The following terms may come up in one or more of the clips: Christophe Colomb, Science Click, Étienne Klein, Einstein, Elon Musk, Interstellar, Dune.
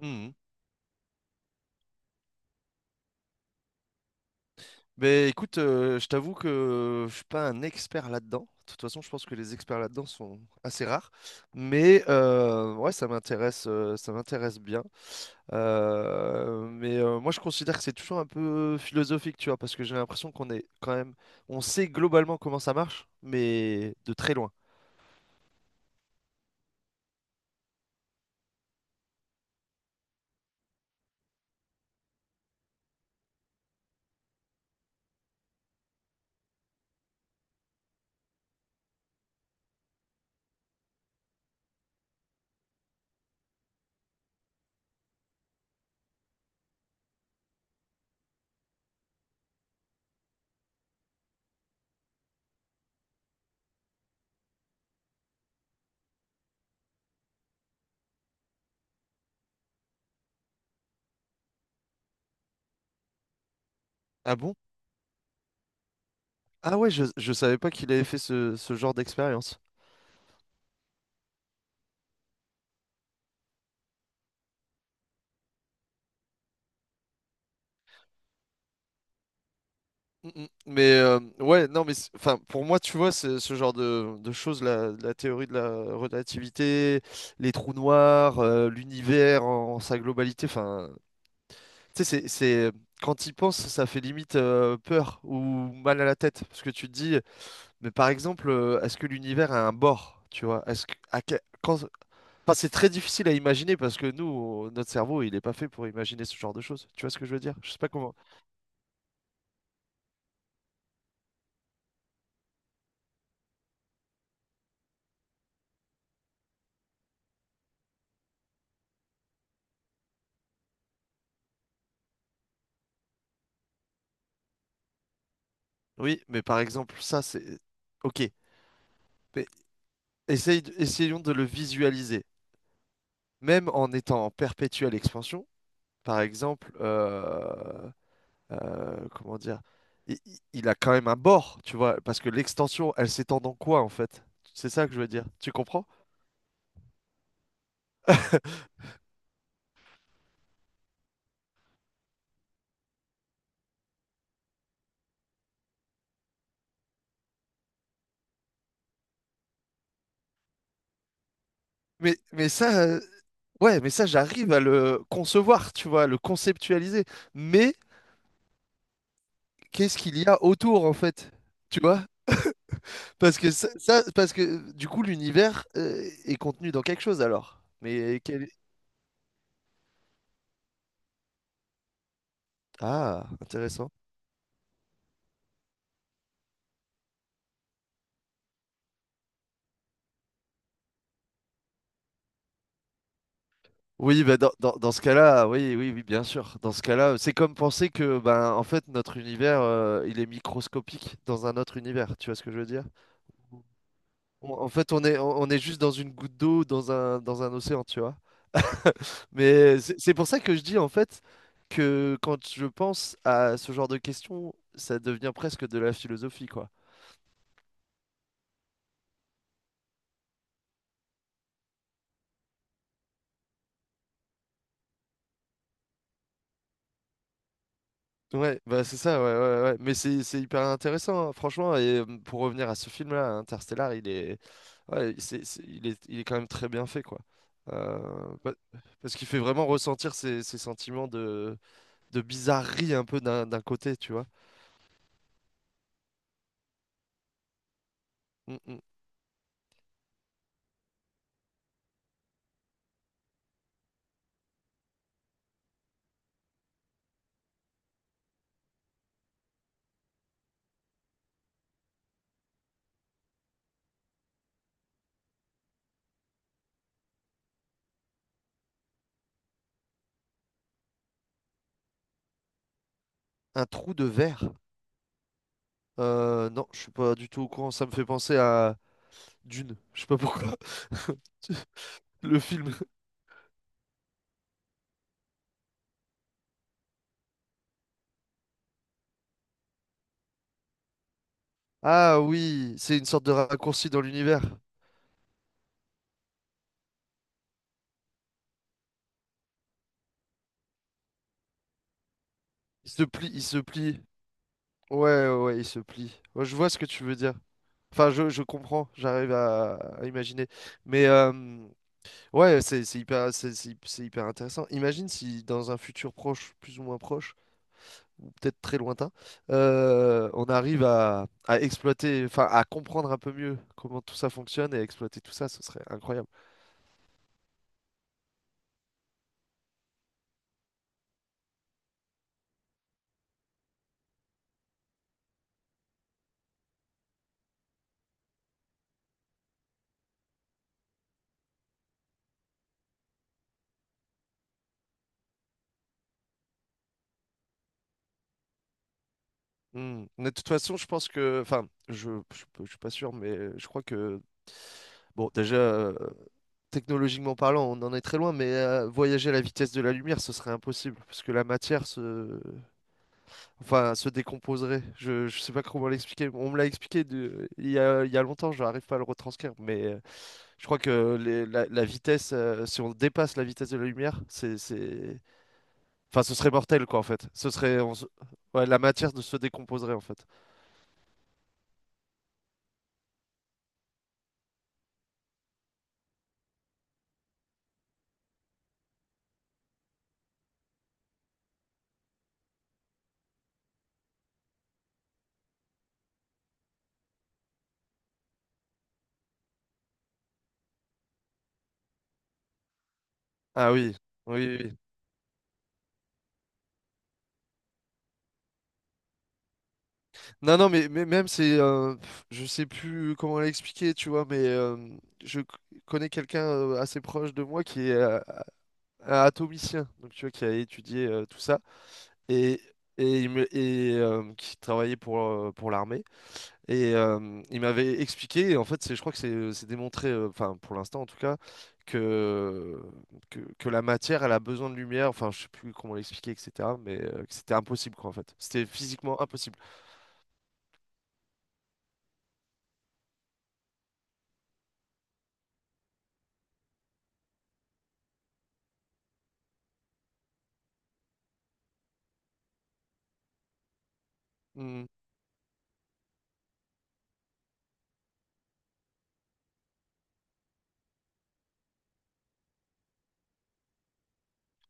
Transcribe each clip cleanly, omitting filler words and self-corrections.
Mhm. Mais écoute, je t'avoue que je suis pas un expert là-dedans. De toute façon, je pense que les experts là-dedans sont assez rares. Mais ouais, ça m'intéresse bien. Moi, je considère que c'est toujours un peu philosophique, tu vois, parce que j'ai l'impression qu'on est quand même, on sait globalement comment ça marche, mais de très loin. Ah bon? Ah ouais, je savais pas qu'il avait fait ce genre d'expérience. Mm, mm. Mais ouais, non, mais enfin, pour moi, tu vois, c'est ce genre de choses, la théorie de la relativité, les trous noirs, l'univers en, en sa globalité, enfin, tu sais, quand y penses, ça fait limite peur ou mal à la tête, parce que tu te dis, mais par exemple, est-ce que l'univers a un bord, tu vois, est-ce que, à que- quand, enfin, c'est très difficile à imaginer parce que notre cerveau, il est pas fait pour imaginer ce genre de choses. Tu vois ce que je veux dire? Je sais pas comment. Oui, mais par exemple, ok. Mais essayons de le visualiser. Même en étant en perpétuelle expansion, par exemple, comment dire, il a quand même un bord, tu vois, parce que l'extension, elle s'étend dans quoi, en fait? C'est ça que je veux dire. Tu comprends? Mais ça, ouais, mais ça, j'arrive à le concevoir, tu vois, à le conceptualiser. Mais qu'est-ce qu'il y a autour, en fait? Tu vois? Parce que parce que du coup, l'univers, est contenu dans quelque chose, alors. Mais quel... Ah, intéressant. Oui, bah, dans ce cas-là, oui, oui, oui, bien sûr. Dans ce cas-là, c'est comme penser que, ben, en fait, notre univers, il est microscopique dans un autre univers. Tu vois ce que je veux dire? En fait, on est juste dans une goutte d'eau, dans un océan, tu vois. Mais c'est pour ça que je dis, en fait, que quand je pense à ce genre de questions, ça devient presque de la philosophie, quoi. Ouais, bah c'est ça, ouais, ouais, ouais. Mais c'est hyper intéressant, hein, franchement. Et pour revenir à ce film-là, Interstellar, ouais, il est quand même très bien fait, quoi. Euh, pa- Parce qu'il fait vraiment ressentir ces, ces sentiments de bizarrerie un peu d'un côté, tu vois. Mm, mm. Un trou de verre? Non, je suis pas du tout au courant. Ça me fait penser à Dune. Je sais pas pourquoi. Le film. Ah oui, c'est une sorte de raccourci dans l'univers. Il se plie, il se plie. Ouais, ouais, ouais, il se plie. Ouais, je vois ce que tu veux dire. Enfin, je comprends, j'arrive à imaginer. Mais ouais, c'est hyper, c'est hy- c'est hyper intéressant. Imagine si dans un futur proche, plus ou moins proche, ou peut-être très lointain, on arrive à exploiter, enfin, à comprendre un peu mieux comment tout ça fonctionne et exploiter tout ça, ce serait incroyable. Hmm. Mais de toute façon, je pense que, enfin, je suis pas sûr, mais je crois que, bon, déjà. Technologiquement parlant, on en est très loin, mais voyager à la vitesse de la lumière, ce serait impossible, parce que enfin, se décomposerait. Je sais pas comment l'expliquer. On me l'a expliqué il y a longtemps, je n'arrive pas à le retranscrire, mais je crois que la vitesse, si on dépasse la vitesse de la lumière, c'est... Enfin, ce serait mortel, quoi, en fait. Ce serait... on se- Ouais, la matière ne se décomposerait, en fait. Ah oui, oui, oui. Oui. Non, non, mais même c'est, je sais plus comment l'expliquer, tu vois, mais je c- connais quelqu'un assez proche de moi qui est un atomicien, donc tu vois, qui a étudié tout ça et et, il me, et qui travaillait pour l'armée et il m'avait expliqué, et en fait, je crois que c'est démontré, enfin pour l'instant en tout cas, que, que la matière, elle a besoin de lumière, enfin je sais plus comment l'expliquer, etc., mais que c'était impossible quoi en fait, c'était physiquement impossible. Mmh.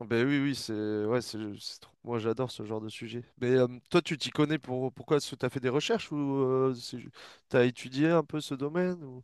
Ben oui, oui, c'est ouais, moi j'adore ce genre de sujet. Mais toi, tu t'y connais pourquoi? Est-ce que t'as fait des recherches ou euh, c'est ju- t'as étudié un peu ce domaine ou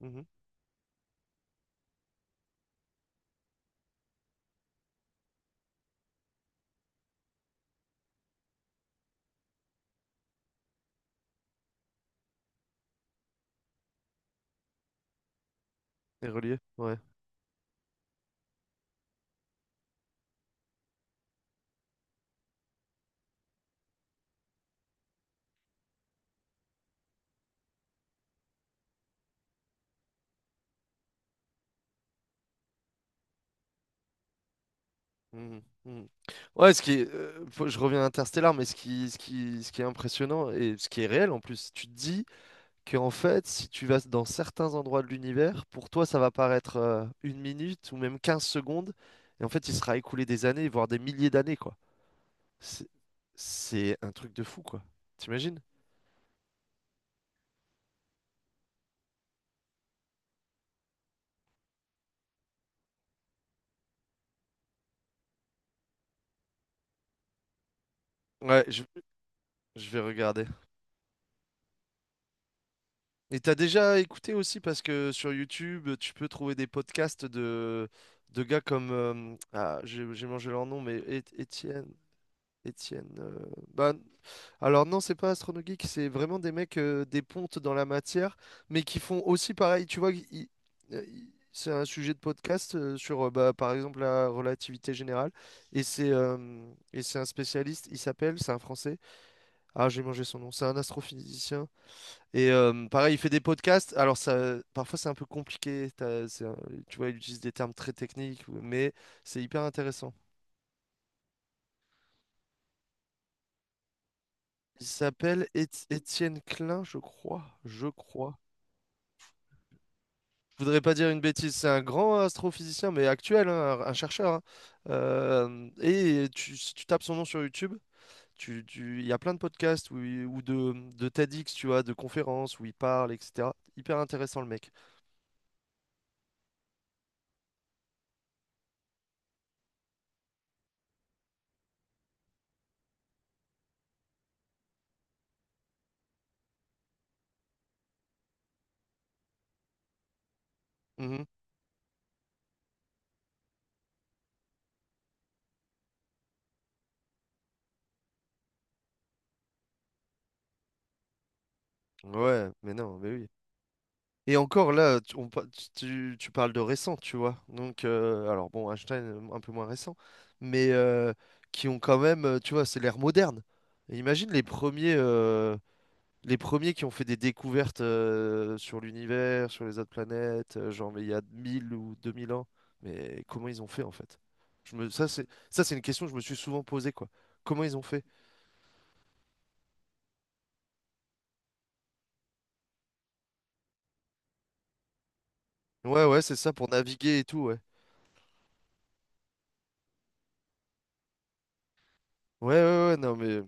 Mhm. Les reliés? Ouais. Mhm. Mhm. Ouais, ce qui est, je reviens à Interstellar, mais ce qui est impressionnant et ce qui est réel en plus, tu te dis qu'en fait, si tu vas dans certains endroits de l'univers, pour toi, ça va paraître une minute ou même 15 secondes, et en fait, il sera écoulé des années, voire des milliers d'années, quoi. C'est c'est un truc de fou, quoi. T'imagines? Ouais, je vais regarder. Et t'as déjà écouté aussi parce que sur YouTube, tu peux trouver des podcasts de gars comme... ah, j'ai mangé leur nom, mais Étienne. Étienne. Bah, alors non, c'est pas Astrono Geek, c'est vraiment des mecs, des pontes dans la matière, mais qui font aussi pareil. Tu vois, c'est un sujet de podcast bah, par exemple, la relativité générale. Et c'est un spécialiste, il s'appelle, c'est un Français. Ah, j'ai mangé son nom, c'est un astrophysicien. Et pareil, il fait des podcasts. Alors ça, parfois c'est un peu compliqué, tu vois, il utilise des termes très techniques, mais c'est hyper intéressant. Il s'appelle Étienne Klein, je crois. Je crois. Je voudrais pas dire une bêtise. C'est un grand astrophysicien, mais actuel, hein, un chercheur. Hein. Si tu tapes son nom sur YouTube, il y a plein de podcasts ou de TEDx, tu vois, de conférences où il parle, etc. Hyper intéressant, le mec. Mhm. Ouais, mais non, mais oui. Et encore là, tu parles de récent, tu vois. Donc, alors bon, Einstein, un peu moins récent, mais qui ont quand même, tu vois, c'est l'ère moderne. Et imagine les premiers qui ont fait des découvertes sur l'univers, sur les autres planètes, genre, mais il y a 1000 ou 2000 ans. Mais comment ils ont fait, en fait? Ça, ça, c'est une question que je me suis souvent posée, quoi. Comment ils ont fait? Ouais, ouais, c'est ça, pour naviguer et tout, ouais. Ouais, ouais, ouais, non, mais.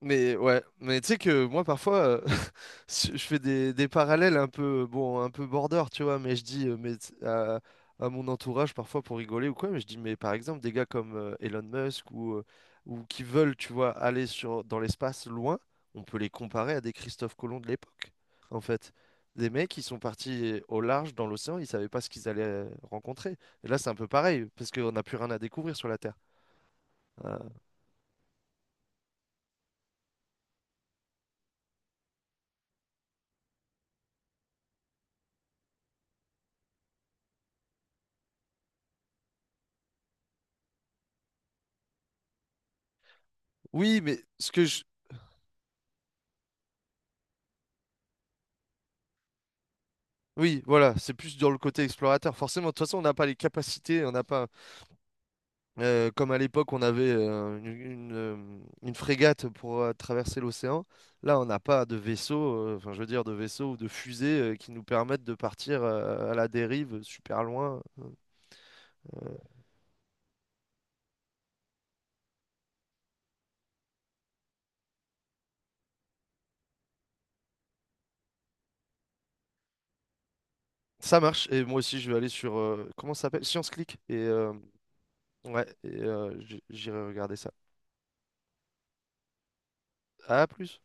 Mais ouais, mais tu sais que moi parfois, je fais des parallèles un peu, bon, un peu border, tu vois, mais je dis mais, à, à mon entourage parfois pour rigoler ou quoi, mais je dis, mais par exemple, des gars comme Elon Musk ou qui veulent, tu vois, dans l'espace loin, on peut les comparer à des Christophe Colomb de l'époque, en fait. Des mecs qui sont partis au large dans l'océan, ils savaient pas ce qu'ils allaient rencontrer. Et là, c'est un peu pareil, parce qu'on n'a plus rien à découvrir sur la Terre. Euh, oui, mais ce que je... Oui, voilà, c'est plus dans le côté explorateur. Forcément, de toute façon, on n'a pas les capacités, on n'a pas... Comme à l'époque, on avait une frégate pour traverser l'océan. Là, on n'a pas de vaisseau, enfin, je veux dire, de vaisseau ou de fusée qui nous permettent de partir à la dérive super loin. Ça marche. Et moi aussi, je vais aller sur, comment ça s'appelle? Science Click. Et ouais, j'irai regarder ça. À plus.